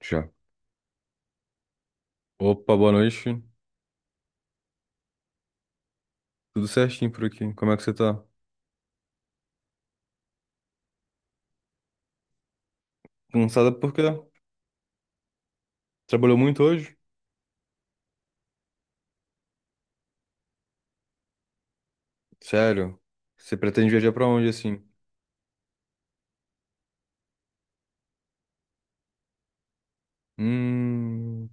Já. Opa, boa noite. Tudo certinho por aqui. Como é que você tá? Cansada por quê? Trabalhou muito hoje? Sério? Você pretende viajar pra onde assim? Hum.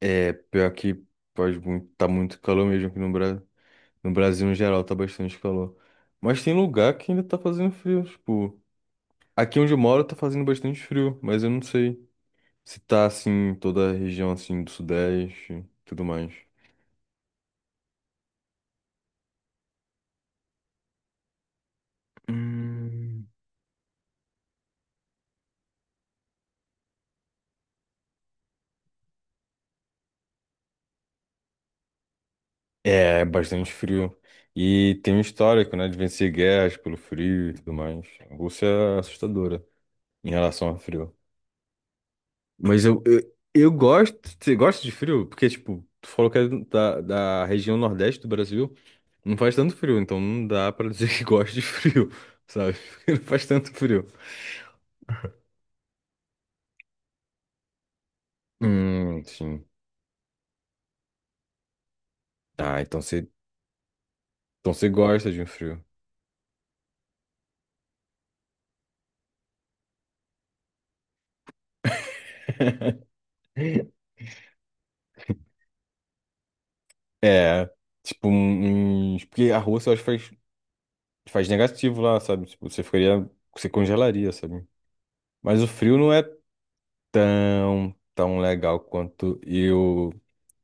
É, pior que pode muito, tá muito calor mesmo aqui no Brasil. No Brasil, em geral, tá bastante calor. Mas tem lugar que ainda tá fazendo frio. Tipo, aqui onde eu moro tá fazendo bastante frio, mas eu não sei se tá assim, em toda a região assim do Sudeste e tudo mais. Hum. É, bastante frio. E tem um histórico, né, de vencer guerras pelo frio e tudo mais. A Rússia é assustadora em relação ao frio. Mas eu gosto. Você gosta de frio? Porque, tipo, tu falou que é da região nordeste do Brasil. Não faz tanto frio, então não dá pra dizer que gosta de frio, sabe? Porque não faz tanto frio. Sim. Ah, então você gosta de um frio. É, tipo, uns. Porque a Rússia, eu acho que faz. Faz negativo lá, sabe? Tipo, você congelaria, sabe? Mas o frio não é tão, tão legal quanto eu,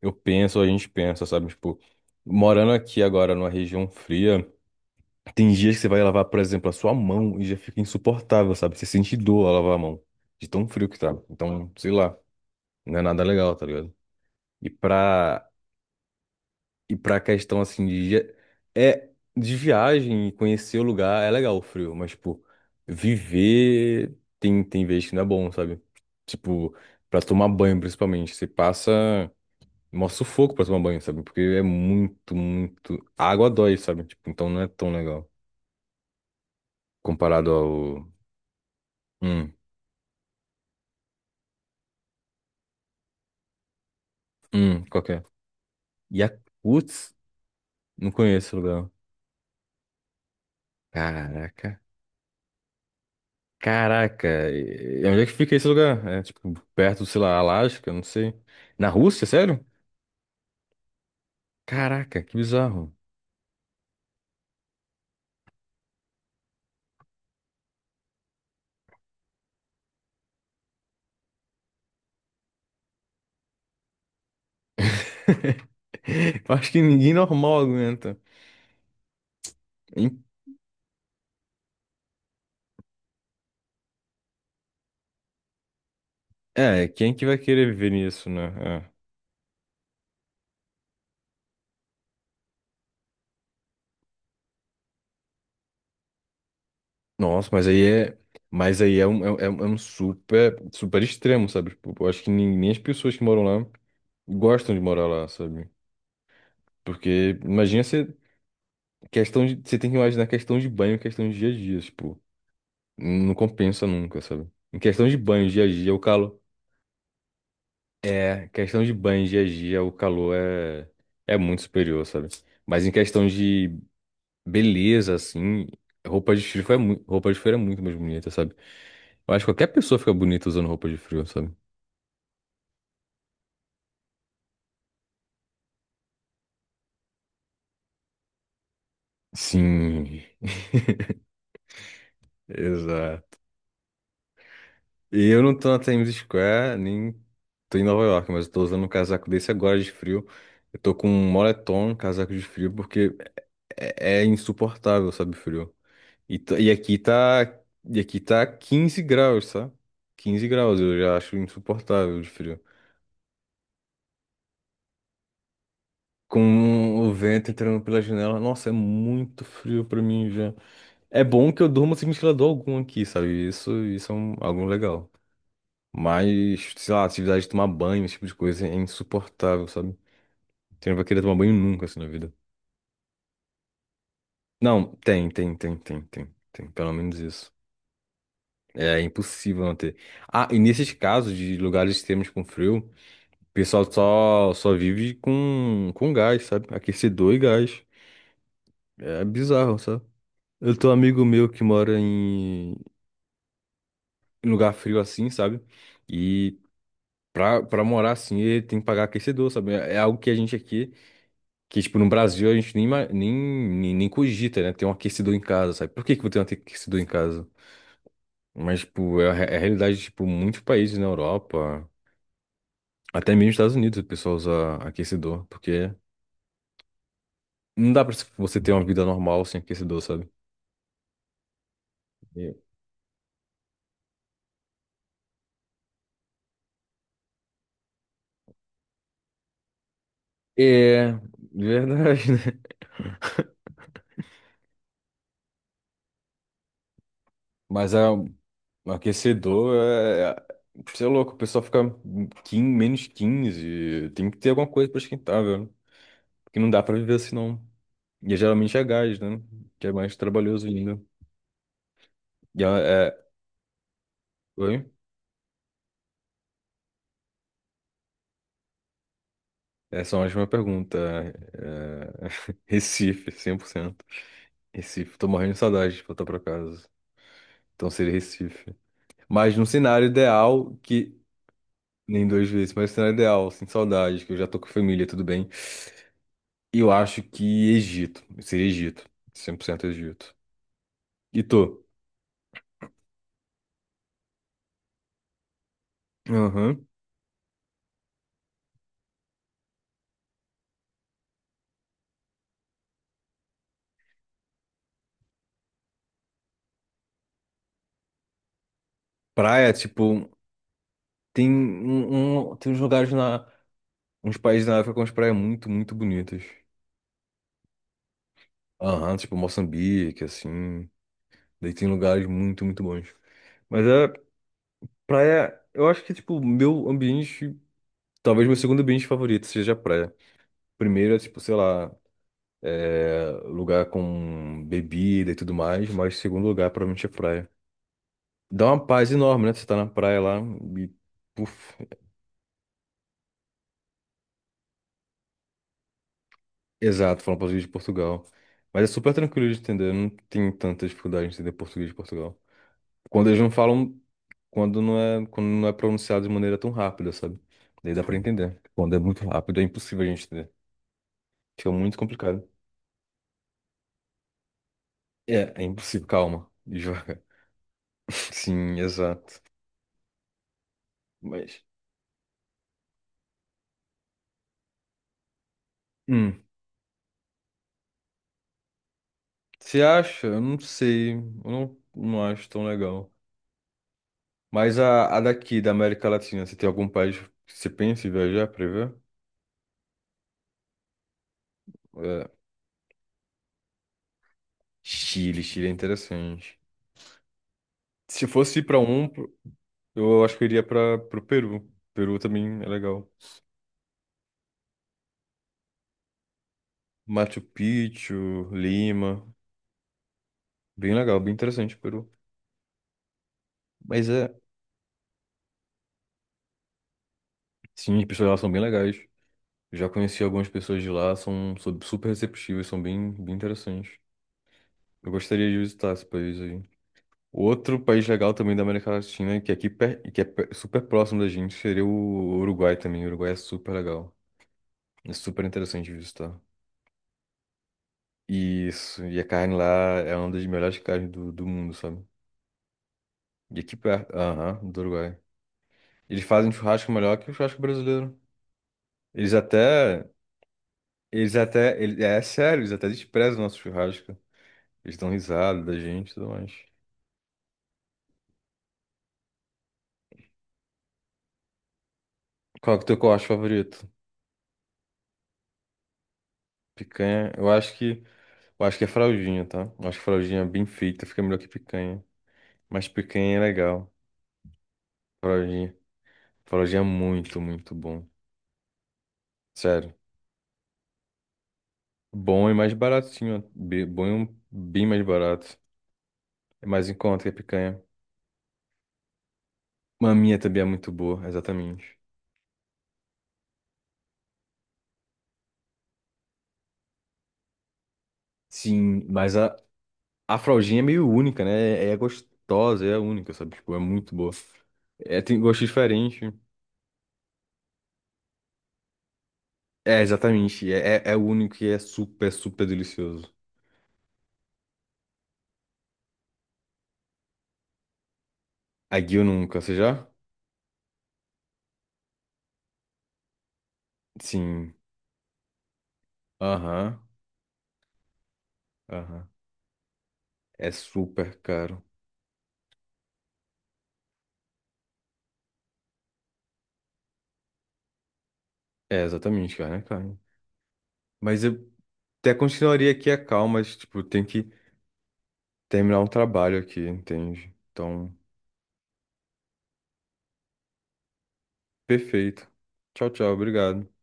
eu penso, a gente pensa, sabe? Tipo, morando aqui agora numa região fria, tem dias que você vai lavar, por exemplo, a sua mão e já fica insuportável, sabe? Você sente dor ao lavar a mão, de tão frio que tá. Então, sei lá, não é nada legal, tá ligado? E pra E pra questão assim de dia- é de viagem e conhecer o lugar é legal o frio, mas tipo, viver tem vezes que não é bom, sabe? Tipo, pra tomar banho principalmente, você passa mó sufoco pra tomar banho, sabe? Porque é muito a água dói, sabe? Tipo, então não é tão legal comparado ao hum, qualquer e a Yakuts? Não conheço o lugar. Caraca. Caraca, e onde é que fica esse lugar? É tipo perto, sei lá, Alasca, não sei. Na Rússia, sério? Caraca, que bizarro. Eu acho que ninguém normal aguenta. Em- É, quem que vai querer viver nisso, né? É. Nossa, é, mas aí é um super, super extremo, sabe? Tipo, eu acho que nem as pessoas que moram lá gostam de morar lá, sabe? Porque imagina você, você tem que imaginar questão de banho, questão de dia a dia, tipo. Não compensa nunca, sabe? Em questão de banho dia a dia, o calor. É, questão de banho dia a dia, o calor é muito superior, sabe? Mas em questão de beleza, assim, roupa de frio é muito mais bonita, sabe? Eu acho que qualquer pessoa fica bonita usando roupa de frio, sabe? Sim, exato. E eu não tô na Times Square, nem tô em Nova York, mas eu tô usando um casaco desse agora de frio. Eu tô com um moletom, casaco de frio, porque é insuportável, sabe, o frio. E, tá- e aqui tá, e aqui tá 15 graus, sabe? 15 graus, eu já acho insuportável de frio. Com o vento entrando pela janela, nossa, é muito frio pra mim já. É bom que eu durmo sem ventilador algum aqui, sabe? Isso é algo legal. Mas, sei lá, atividade de tomar banho, esse tipo de coisa é insuportável, sabe? Você não vai querer tomar banho nunca assim na vida. Não, tem, tem, tem, tem, tem, tem, pelo menos isso. É impossível não ter. Ah, e nesses casos de lugares extremos com frio. O pessoal só vive com gás, sabe? Aquecedor e gás. É bizarro, sabe? Eu tenho um amigo meu que mora em lugar frio assim, sabe? E pra morar assim, ele tem que pagar aquecedor, sabe? É algo que a gente aqui, que tipo, no Brasil a gente nem, ima- nem, nem, nem cogita, né? Ter um aquecedor em casa, sabe? Por que que eu tenho um aquecedor em casa? Mas, tipo, é a realidade de, tipo, muitos países na Europa, até mesmo nos Estados Unidos, o pessoal usa aquecedor, porque não dá pra você ter uma vida normal sem aquecedor, sabe? E- É, verdade, né? Mas é, um aquecedor é. Você é louco, o pessoal fica quin -15. Tem que ter alguma coisa pra esquentar, velho. Porque não dá pra viver assim, não. E é, geralmente é gás, né? Que é mais trabalhoso ainda. E é. Oi? Essa é uma ótima pergunta. É, Recife, 100%. Recife, tô morrendo de saudade de voltar pra casa. Então seria Recife. Mas num cenário ideal que. Nem duas vezes, mas o cenário ideal, sem saudade, que eu já tô com a família, tudo bem. E eu acho que seria Egito, 100% Egito. E tu? Aham. Praia, tipo, tem uns lugares uns países na África com as praias muito, muito bonitas. Aham, tipo Moçambique, assim, daí tem lugares muito, muito bons. Mas a praia, eu acho que, tipo, talvez meu segundo ambiente favorito seja a praia. Primeiro é, tipo, sei lá, lugar com bebida e tudo mais, mas segundo lugar provavelmente é praia. Dá uma paz enorme, né? Você tá na praia lá e. Puf, exato, falando português de Portugal. Mas é super tranquilo de entender, não tem tanta dificuldade de entender português de Portugal. Quando eles não falam, quando não é pronunciado de maneira tão rápida, sabe? Daí dá pra entender. Quando é muito rápido, é impossível a gente entender. Fica muito complicado. É impossível. Calma, devagar. Sim, exato. Mas. hum, Você acha? Eu não sei. Eu não acho tão legal. Mas da América Latina, você tem algum país que você pensa em viajar pra ver? É, Chile, Chile é interessante. Se fosse ir pra um, eu acho que eu iria para pro Peru. Peru também é legal. Machu Picchu, Lima. Bem legal, bem interessante o Peru. Mas é, sim, as pessoas lá são bem legais. Já conheci algumas pessoas de lá, são super receptivas, são bem, bem interessantes. Eu gostaria de visitar esse país aí. Outro país legal também da América Latina, que é super próximo da gente, seria o Uruguai também. O Uruguai é super legal. É super interessante de visitar. Isso, e a carne lá é uma das melhores carnes do mundo, sabe? E aqui perto, aham, do Uruguai. Eles fazem churrasco melhor que o churrasco brasileiro. Eles até, É sério, eles até desprezam o nosso churrasco. Eles dão risada da gente e tudo mais. Qual que é o teu corte favorito? Picanha? Eu acho que é fraldinha, tá? Eu acho que fraldinha bem feita fica melhor que picanha. Mas picanha é legal. Fraldinha. Fraldinha é muito, muito bom. Sério. Bom e mais baratinho. Bom e bem mais barato. É mais em conta que a picanha. Maminha também é muito boa, exatamente. Sim, mas a fraldinha é meio única, né? É gostosa, é única, sabe? Tipo, é muito boa. É, tem gosto diferente. É, exatamente. É único e é super, super delicioso. A Guio nunca, você já? Sim. Aham, aham. É super caro. É, exatamente, cara, é caro. Mas eu até continuaria aqui a calma, mas, tipo, tem que terminar um trabalho aqui, entende? Então, perfeito. Tchau, tchau, obrigado.